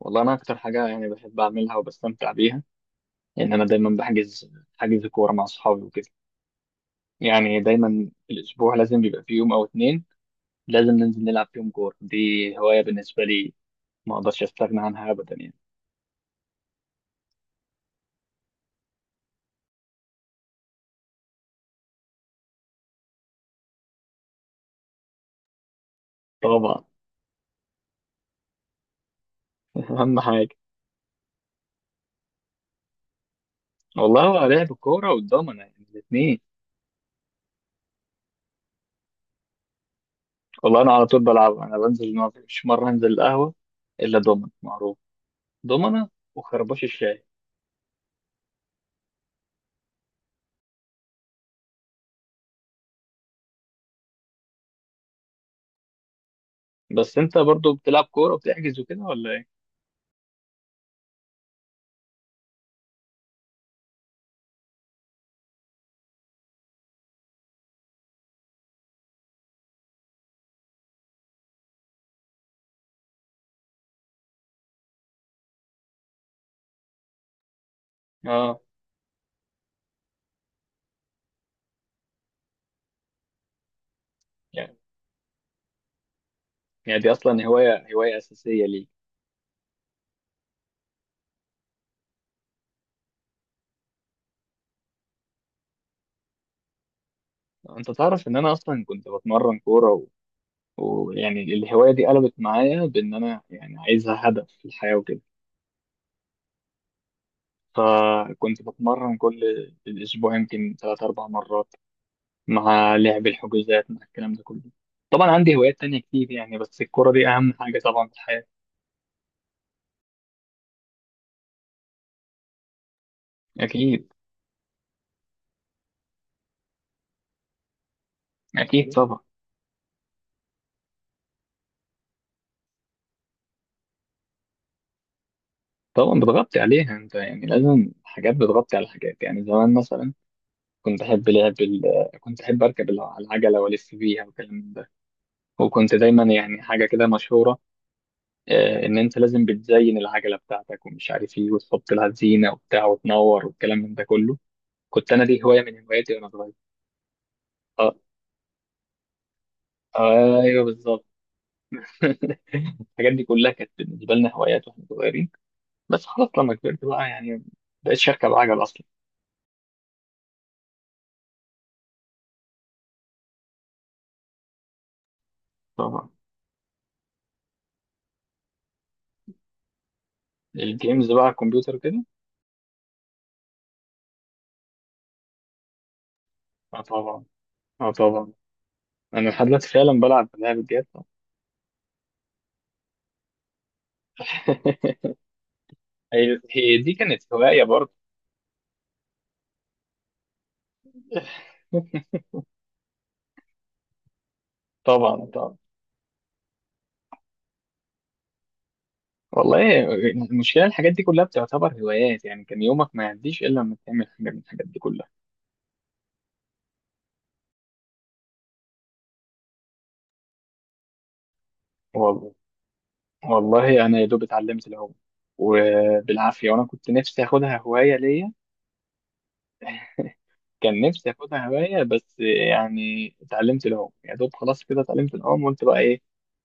والله انا اكتر حاجه يعني بحب اعملها وبستمتع بيها ان انا دايما بحجز كوره مع اصحابي وكده. يعني دايما في الاسبوع لازم بيبقى في يوم او اتنين لازم ننزل نلعب فيهم كوره. دي هوايه بالنسبه لي ما اقدرش استغنى عنها ابدا يعني. طبعا. اهم حاجه. والله هو لعب الكوره والضمنه يعني الاثنين. والله انا على طول بلعب، انا بنزل ما فيش مره انزل القهوه الا ضمن معروف. ضمنه وخربوش الشاي. بس انت برضو بتلعب كوره وبتحجز وكده ولا ايه؟ اه، يعني دي اصلا هوايه اساسيه ليك. انت تعرف ان انا اصلا كنت بتمرن كوره و... ويعني الهوايه دي قلبت معايا بان انا يعني عايزها هدف في الحياه وكده. فكنت بتمرن كل الاسبوع يمكن ثلاث اربع مرات مع لعب الحجوزات مع الكلام ده كله. طبعا عندي هوايات تانية كتير يعني، بس الكوره دي اهم حاجه طبعا في الحياه. اكيد. اكيد طبعا. طبعا بتغطي عليها انت، يعني لازم حاجات بتغطي على حاجات. يعني زمان مثلا كنت أحب لعب ال... كنت أحب أركب العجلة وألف بيها والكلام من ده. وكنت دايما يعني حاجة كده مشهورة، إن أنت لازم بتزين العجلة بتاعتك ومش عارف إيه وتحط لها زينة وبتاع وتنور والكلام من ده كله. كنت أنا دي هواية من هواياتي وأنا صغير. آه. أيوه بالظبط. الحاجات دي كلها كانت بالنسبة لنا هوايات واحنا صغيرين. بس خلاص لما كبرت بقى يعني مبقتش أركب عجل أصلا. طبعا. الجيمز بقى على الكمبيوتر كده. اه طبعا. اه طبعا. انا لحد دلوقتي فعلا بلعب الجيات. هي دي كانت هواية برضه. طبعا طبعا. والله المشكلة الحاجات دي كلها بتعتبر هوايات، يعني كان يومك ما يعديش إلا لما تعمل حاجة من الحاجات دي كلها. والله. والله أنا يا دوب اتعلمت العوم، وبالعافية، وأنا كنت نفسي آخدها هواية ليا. كان نفسي آخدها هواية بس. يعني اتعلمت العوم يا دوب، خلاص كده اتعلمت العوم وقلت بقى إيه،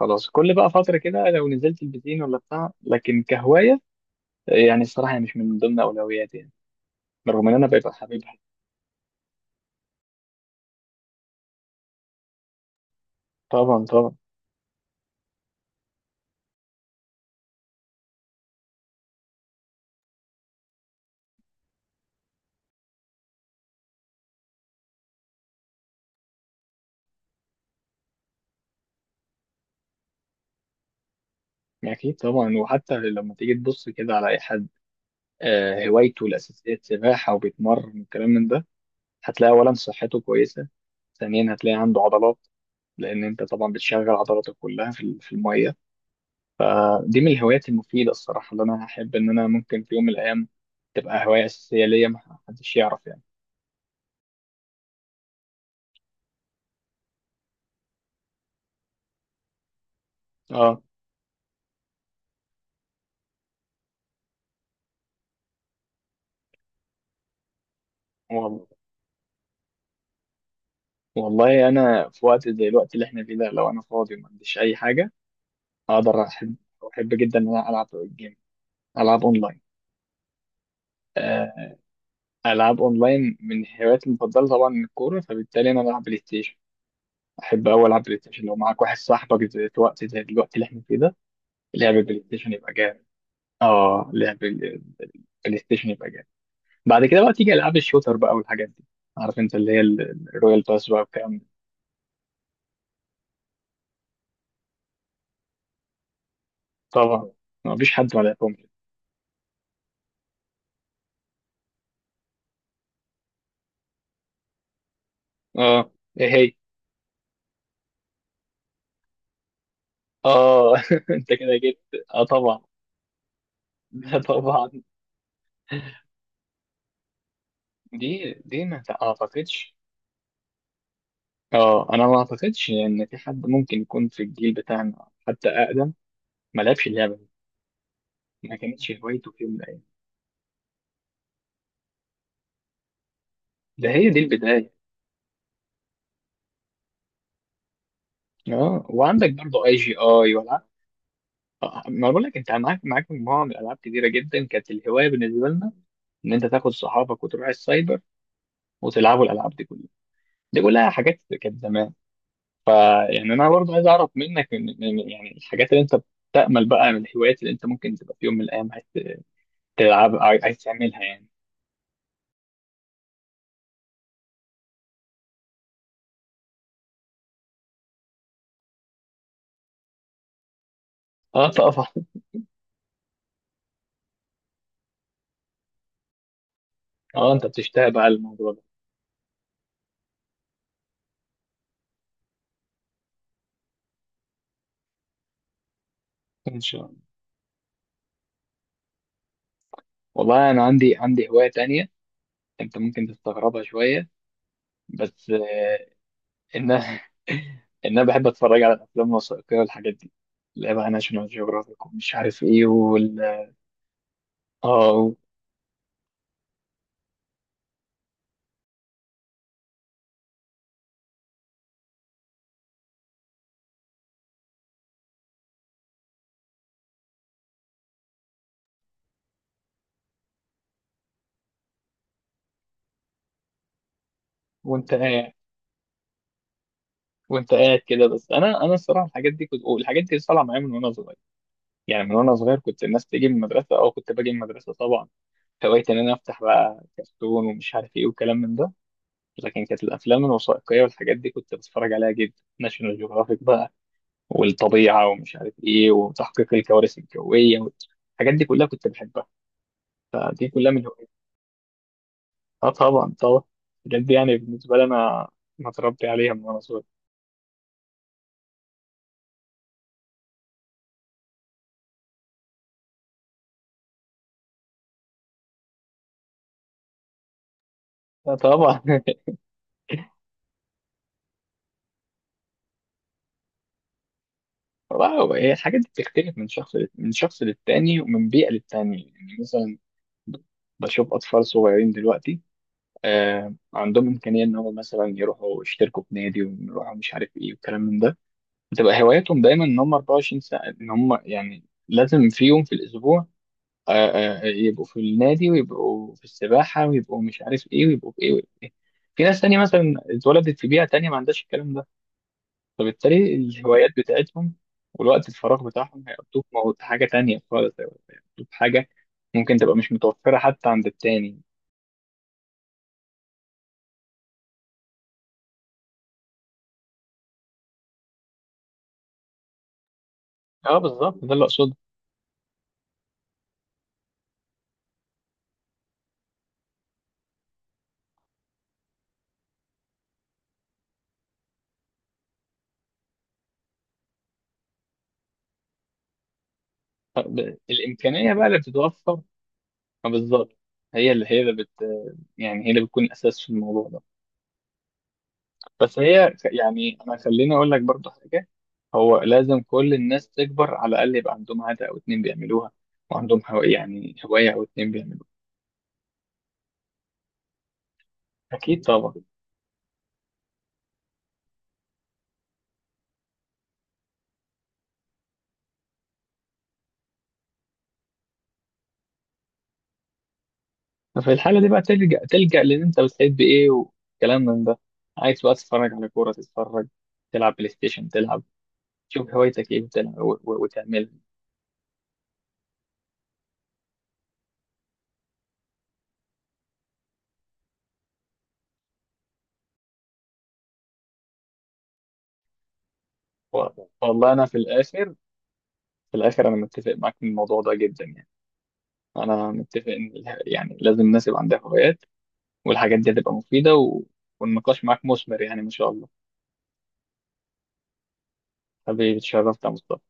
خلاص كل بقى فترة كده لو نزلت البسين ولا بتاع، لكن كهواية يعني الصراحة هي مش من ضمن أولوياتي يعني، رغم إن أنا ببقى حاببها. طبعا طبعا. اكيد طبعا. وحتى لما تيجي تبص كده على اي حد هوايته الاساسيه سباحه وبيتمرن والكلام من ده، هتلاقي اولا صحته كويسه، ثانيا هتلاقي عنده عضلات. لان انت طبعا بتشغل عضلاتك كلها في في الميه. دي من الهوايات المفيده الصراحه اللي انا هحب ان انا ممكن في يوم من الايام تبقى هوايه اساسيه ليا. ما حدش يعرف يعني. اه. والله. والله انا في وقت زي الوقت اللي احنا فيه ده لو انا فاضي وما عنديش اي حاجه، اقدر احب جدا ان انا العب جيم، العب اونلاين. آه، العاب اونلاين من هواياتي المفضله. طبعا الكوره فبالتالي انا بلعب بلاي ستيشن. احب اوي العب بلاي ستيشن لو معاك واحد صاحبك في وقت زي الوقت اللي احنا فيه ده. لعب بلاي ستيشن يبقى جامد. اه لعب ال- البلاي ستيشن يبقى جامد. بعد كده بقى تيجي العاب الشوتر بقى والحاجات دي، عارف انت اللي هي الرويال باس بقى والكلام ده. طبعا. ما فيش حد ما لعبهمش. اه. ايه هي؟ اه انت كده جيت. اه طبعا. لا طبعا. دي ما اعتقدش. اه انا ما اعتقدش ان في حد ممكن يكون في الجيل بتاعنا حتى اقدم ما لعبش اللعبه دي. ما كانتش هوايته في يوم من الايام. ده هي دي البدايه. اه. وعندك برضه اي جي اي ولا؟ ما بقول لك انت، معاك مجموعه من الالعاب كتيره جدا كانت الهوايه بالنسبه لنا، ان انت تاخد صحابك وتروح السايبر وتلعبوا الالعاب دي كلها. دي كلها حاجات كانت زمان. فيعني انا برضه عايز اعرف منك، يعني الحاجات اللي انت بتأمل بقى من الهوايات اللي انت ممكن تبقى في يوم من الايام عايز تلعب، عايز تعملها يعني. اه. تقف. اه انت بتشتاق بقى الموضوع ده. ان شاء الله. والله انا عندي هوايه تانية انت ممكن تستغربها شويه بس، ان انا ان انا بحب اتفرج على الافلام الوثائقيه والحاجات دي، اللي هي بقى ناشونال جيوغرافيك ومش عارف ايه وال... اه. و... وانت قاعد وانت قاعد كده. بس انا الصراحه الحاجات دي كنت، والحاجات دي طالعه معايا من وانا صغير. يعني من وانا صغير كنت الناس تيجي من المدرسه، او كنت باجي من المدرسه طبعا هوايتي ان انا افتح بقى كرتون ومش عارف ايه وكلام من ده. لكن كانت الافلام الوثائقيه والحاجات دي كنت بتفرج عليها جدا. ناشونال جيوغرافيك بقى، والطبيعه ومش عارف ايه، وتحقيق الكوارث الجويه، الحاجات دي كلها كنت بحبها. فدي كلها من هواياتي. اه طبعا طبعا. الحاجات دي يعني بالنسبه لي انا متربي عليها من وانا صغير. اه طبعا. واو. هي الحاجات دي بتختلف من شخص، للتاني ومن بيئه للتانيه. يعني مثلا بشوف اطفال صغيرين دلوقتي عندهم امكانيه ان هم مثلا يروحوا يشتركوا في نادي، ويروحوا مش عارف ايه والكلام من ده. بتبقى هواياتهم دايما ان هم 24 ساعه ان هم، يعني لازم في يوم في الاسبوع، يبقوا في النادي، ويبقوا في السباحه، ويبقوا مش عارف ايه، ويبقوا في ايه، ويبقوا في ايه. في ناس تانية مثلا اتولدت في بيئه تانية ما عندهاش الكلام ده، فبالتالي الهوايات بتاعتهم والوقت الفراغ بتاعهم هيقضوه في في حاجه تانية خالص. هيقضوه في حاجه ممكن تبقى مش متوفره حتى عند التاني. اه بالظبط، ده اللي اقصده. طب الامكانيه بقى اللي بتتوفر، بالظبط، هي اللي هي اللي بت يعني هي اللي بتكون الاساس في الموضوع ده. بس يعني انا خليني اقول لك برضه حاجه، هو لازم كل الناس تكبر على الاقل يبقى عندهم عاده او اتنين بيعملوها، وعندهم هو يعني هوايه او اتنين بيعملوها. اكيد طبعا. ففي الحاله دي بقى تلجأ، لان انت بتحب ايه وكلام من ده. عايز بقى تتفرج على كوره تتفرج، تلعب بلاي ستيشن تلعب، شوف هوايتك ايه وتلعب وتعملها. و- والله انا في الاخر، انا متفق معاك في الموضوع ده جدا يعني. انا متفق ان يعني لازم الناس يبقى عندها هوايات، والحاجات دي هتبقى مفيدة و... والنقاش معاك مثمر يعني، ما شاء الله. حبيبي اتشرفت يا مصطفى.